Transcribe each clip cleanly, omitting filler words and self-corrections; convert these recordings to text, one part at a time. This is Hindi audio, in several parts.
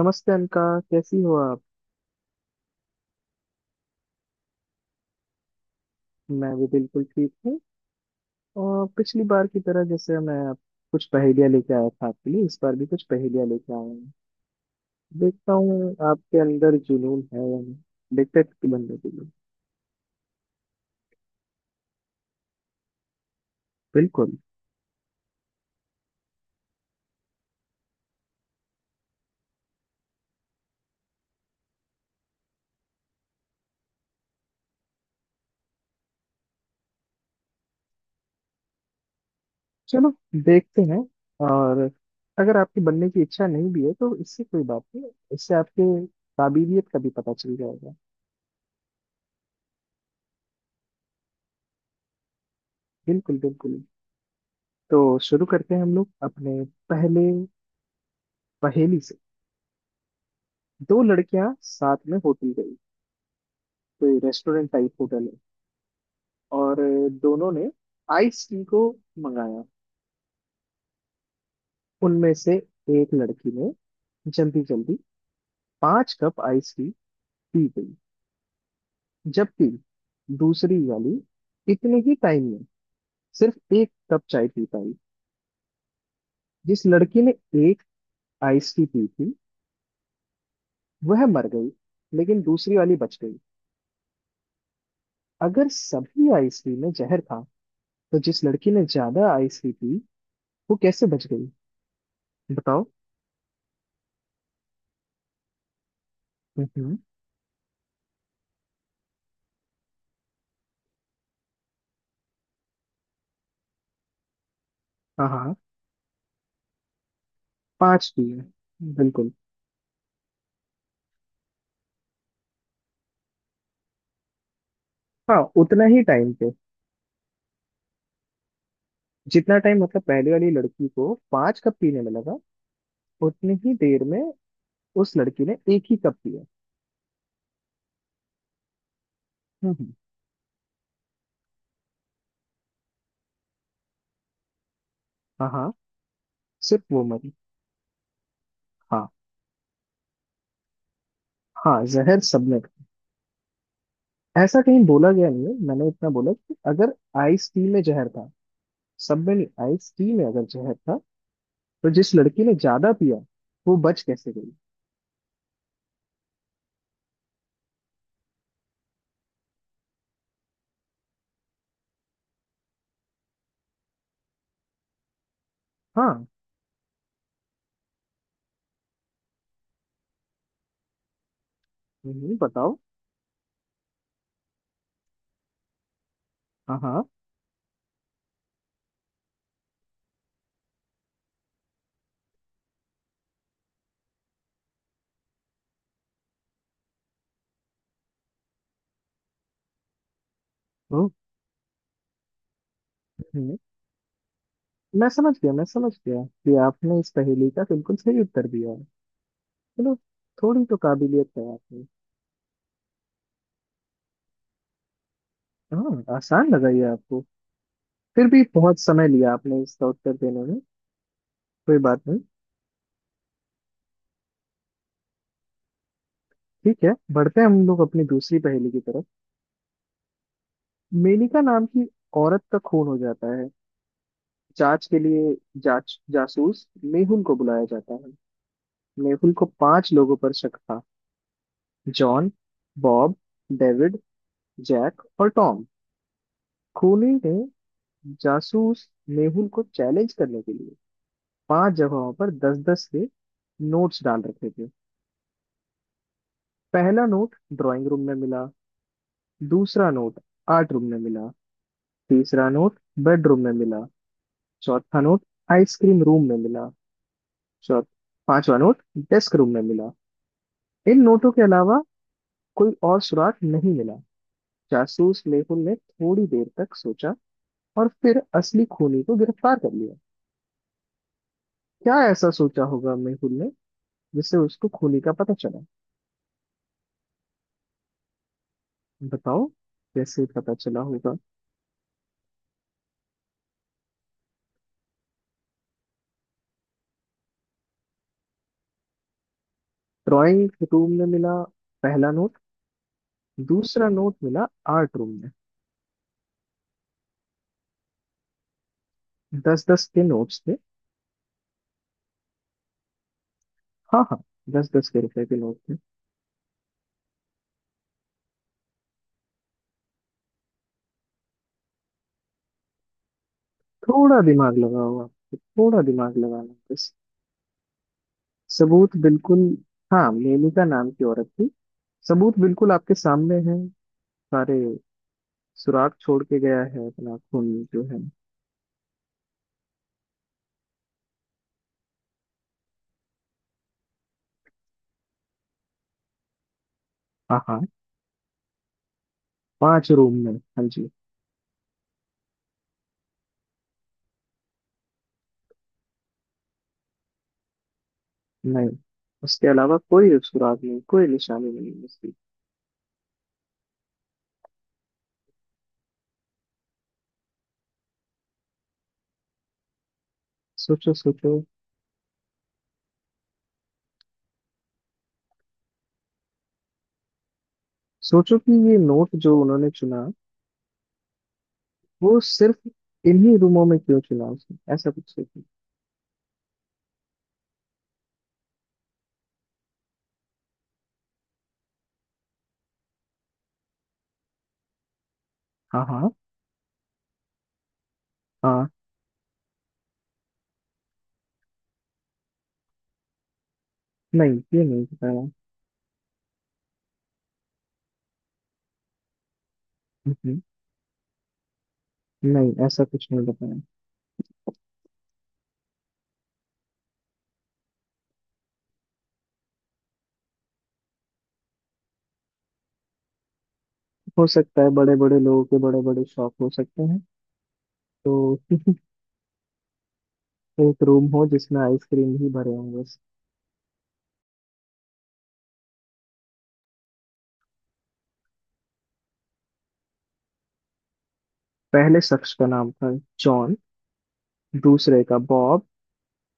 नमस्ते अनका। कैसी हो आप। मैं भी बिल्कुल ठीक हूँ। और पिछली बार की तरह जैसे कुछ पहेलियाँ लेके आया था आपके लिए, इस बार भी कुछ पहेलियाँ लेके आया हूँ। देखता हूँ आपके अंदर जुनून है या नहीं, देखते कि बनने के लिए। बिल्कुल। चलो, देखते हैं। और अगर आपकी बनने की इच्छा नहीं भी है तो इससे कोई बात नहीं, इससे आपके काबिलियत का भी पता चल जाएगा। बिल्कुल बिल्कुल। तो शुरू करते हैं हम लोग अपने पहले पहेली से। दो लड़कियां साथ में होटल गई, कोई रेस्टोरेंट टाइप होटल है, और दोनों ने आइस टी को मंगाया। उनमें से एक लड़की ने जल्दी जल्दी पांच कप आइस टी पी गई, जबकि दूसरी वाली इतने ही टाइम में सिर्फ एक कप चाय पी पाई। जिस लड़की ने एक आइस टी पी थी वह मर गई, लेकिन दूसरी वाली बच गई। अगर सभी आइस टी में जहर था, तो जिस लड़की ने ज्यादा आइस टी पी वो कैसे बच गई, बताओ। हम्म। हाँ हाँ। पांच दिए, बिल्कुल। हाँ, उतना ही टाइम पे, जितना टाइम मतलब पहले वाली लड़की को पांच कप पीने में लगा, उतनी ही देर में उस लड़की ने एक ही कप पिया। हम्म हम्म, हाँ हाँ, सिर्फ वो मरी। हाँ हाँ, जहर सबने खाया, ऐसा कहीं बोला गया नहीं है। मैंने इतना बोला कि अगर आइस टी में जहर था, सब में नहीं, आइस टी में अगर जहर था तो जिस लड़की ने ज्यादा पिया वो बच कैसे गई। हाँ। बताओ। हाँ हाँ। ओ, मैं समझ गया, मैं समझ गया कि आपने इस पहेली का बिल्कुल सही उत्तर दिया है। चलो, थोड़ी तो काबिलियत है आप में। हाँ, आसान लगा ये आपको। फिर भी बहुत समय लिया आपने इसका उत्तर देने में, कोई बात नहीं। ठीक है, बढ़ते हैं हम लोग अपनी दूसरी पहेली की तरफ। मेनका नाम की औरत का खून हो जाता है, जांच के लिए जांच जासूस मेहुल को बुलाया जाता है। मेहुल को पांच लोगों पर शक था। जॉन, बॉब, डेविड, जैक और टॉम। खूनी ने जासूस मेहुल को चैलेंज करने के लिए पांच जगहों पर दस दस से नोट्स डाल रखे थे। पहला नोट ड्राइंग रूम में मिला, दूसरा नोट आर्ट रूम में मिला, तीसरा नोट बेडरूम में मिला, चौथा नोट आइसक्रीम रूम में मिला, चौथ पांचवा नोट डेस्क रूम में मिला। इन नोटों के अलावा कोई और सुराग नहीं मिला। जासूस मेहुल ने थोड़ी देर तक सोचा और फिर असली खूनी को गिरफ्तार कर लिया। क्या ऐसा सोचा होगा मेहुल ने जिससे उसको खूनी का पता चला, बताओ, कैसे पता चला होगा। ड्राइंग रूम में मिला पहला नोट, दूसरा नोट मिला आर्ट रूम में। दस दस के नोट्स थे। हाँ हाँ, दस दस के रुपए के नोट थे। थोड़ा दिमाग लगाओ, आपको थोड़ा दिमाग लगाना है बस। सबूत बिल्कुल, हाँ, मेलिका नाम की औरत थी। सबूत बिल्कुल आपके सामने है, सारे सुराग छोड़ के गया है अपना खून जो है। हाँ हाँ, पांच रूम में हाँ जी। नहीं, उसके अलावा कोई सुराग नहीं, कोई निशानी नहीं है उसकी। सोचो सोचो। सोचो कि ये नोट जो उन्होंने चुना, वो सिर्फ इन्हीं रूमों में क्यों चुना उसने, ऐसा कुछ सोचो। हाँ हाँ। हाँ। नहीं, ये नहीं बताया। हम्म, नहीं, ऐसा कुछ नहीं बताया। हो सकता है, बड़े बड़े लोगों के बड़े बड़े शौक हो सकते हैं। तो एक रूम हो जिसमें आइसक्रीम ही भरे हों बस। पहले शख्स का नाम था जॉन, दूसरे का बॉब,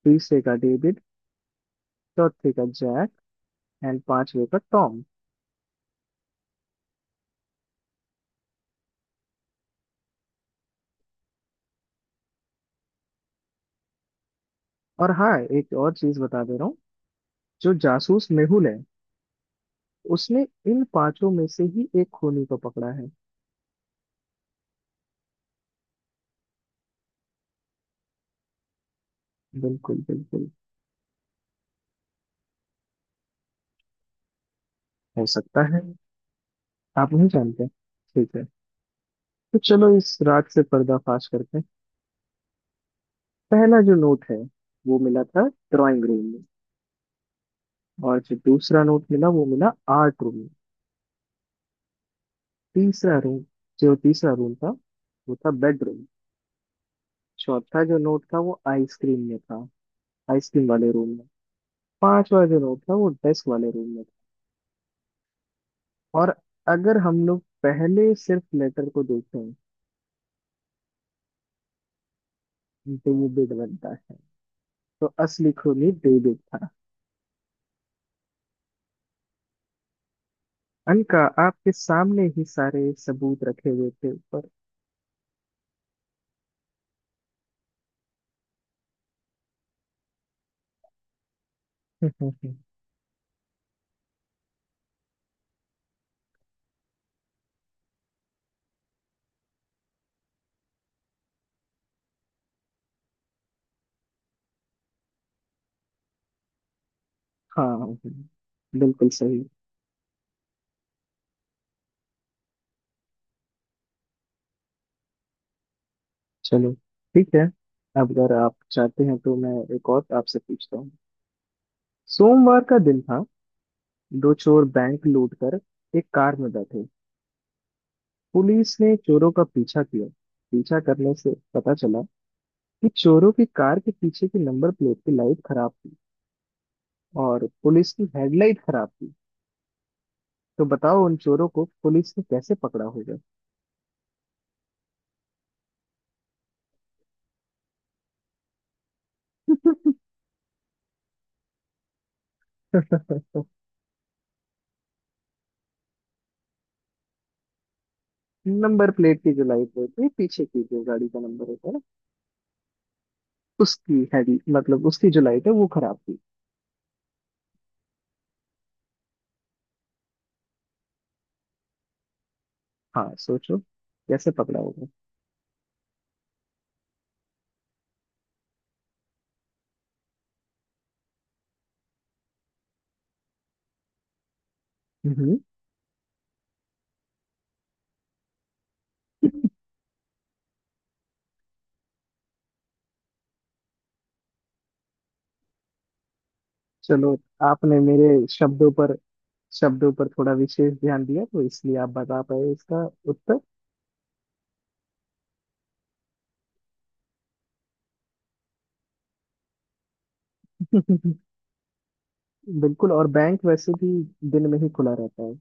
तीसरे का डेविड, चौथे का जैक एंड पांचवे का टॉम। और हाँ, एक और चीज बता दे रहा हूँ, जो जासूस मेहुल है उसने इन पांचों में से ही एक खूनी को पकड़ा है। बिल्कुल बिल्कुल। हो सकता है आप नहीं जानते, ठीक है। तो चलो इस रात से पर्दाफाश करते हैं। पहला जो नोट है वो मिला था ड्राइंग रूम में, और जो दूसरा नोट मिला वो मिला आर्ट रूम में। तीसरा रूम जो तीसरा रूम था वो था बेडरूम। चौथा जो नोट था वो आइसक्रीम में था, आइसक्रीम वाले रूम में। पांचवा जो नोट था वो डेस्क वाले रूम में था। और अगर हम लोग पहले सिर्फ लेटर को देखें, डेविड बनता है। तो असली खूनी डेविड था। अनका, आपके सामने ही सारे सबूत रखे हुए थे ऊपर। हाँ, बिल्कुल सही। चलो ठीक है, अब अगर आप चाहते हैं तो मैं एक और आपसे पूछता हूँ। सोमवार का दिन था, दो चोर बैंक लूट कर एक कार में बैठे। पुलिस ने चोरों का पीछा किया। पीछा करने से पता चला कि चोरों की कार के पीछे की नंबर प्लेट की लाइट खराब थी, और पुलिस की हेडलाइट खराब थी। तो बताओ, उन चोरों को पुलिस ने कैसे पकड़ा होगा। नंबर प्लेट की जो लाइट होती है, पीछे की जो गाड़ी का नंबर होता है ना, उसकी हेड मतलब उसकी जो लाइट है वो खराब थी। हाँ, सोचो कैसे पकड़ा होगा। हम्म। चलो, आपने मेरे शब्दों पर थोड़ा विशेष ध्यान दिया, तो इसलिए आप बता पाए इसका उत्तर। बिल्कुल, और बैंक वैसे भी दिन में ही खुला रहता है।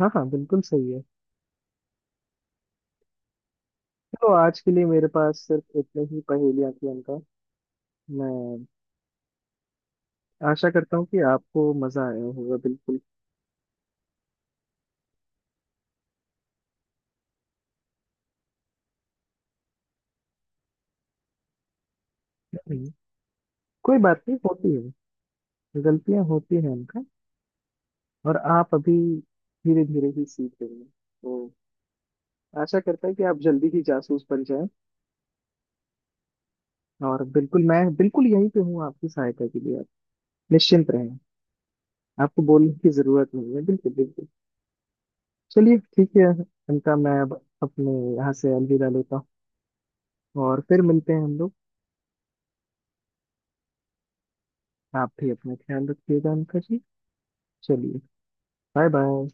हाँ हाँ, बिल्कुल सही है। तो आज के लिए मेरे पास सिर्फ इतने ही पहेलियां थी उनका, मैं आशा करता हूँ कि आपको मजा आया होगा। बिल्कुल। हम्म। कोई बात नहीं, होती है, गलतियां होती हैं उनका। और आप अभी धीरे धीरे ही सीख रहे हैं, तो आशा करता है कि आप जल्दी ही जासूस बन जाएं। और बिल्कुल, मैं बिल्कुल यहीं पे हूँ आपकी सहायता के लिए, आप निश्चिंत रहें। आपको बोलने की जरूरत नहीं है, बिल्कुल बिल्कुल। चलिए ठीक है, इनका मैं अब अपने यहाँ से अलविदा लेता हूँ, और फिर मिलते हैं हम लोग। आप भी अपना ख्याल रखिएगा अंका जी। चलिए, बाय बाय।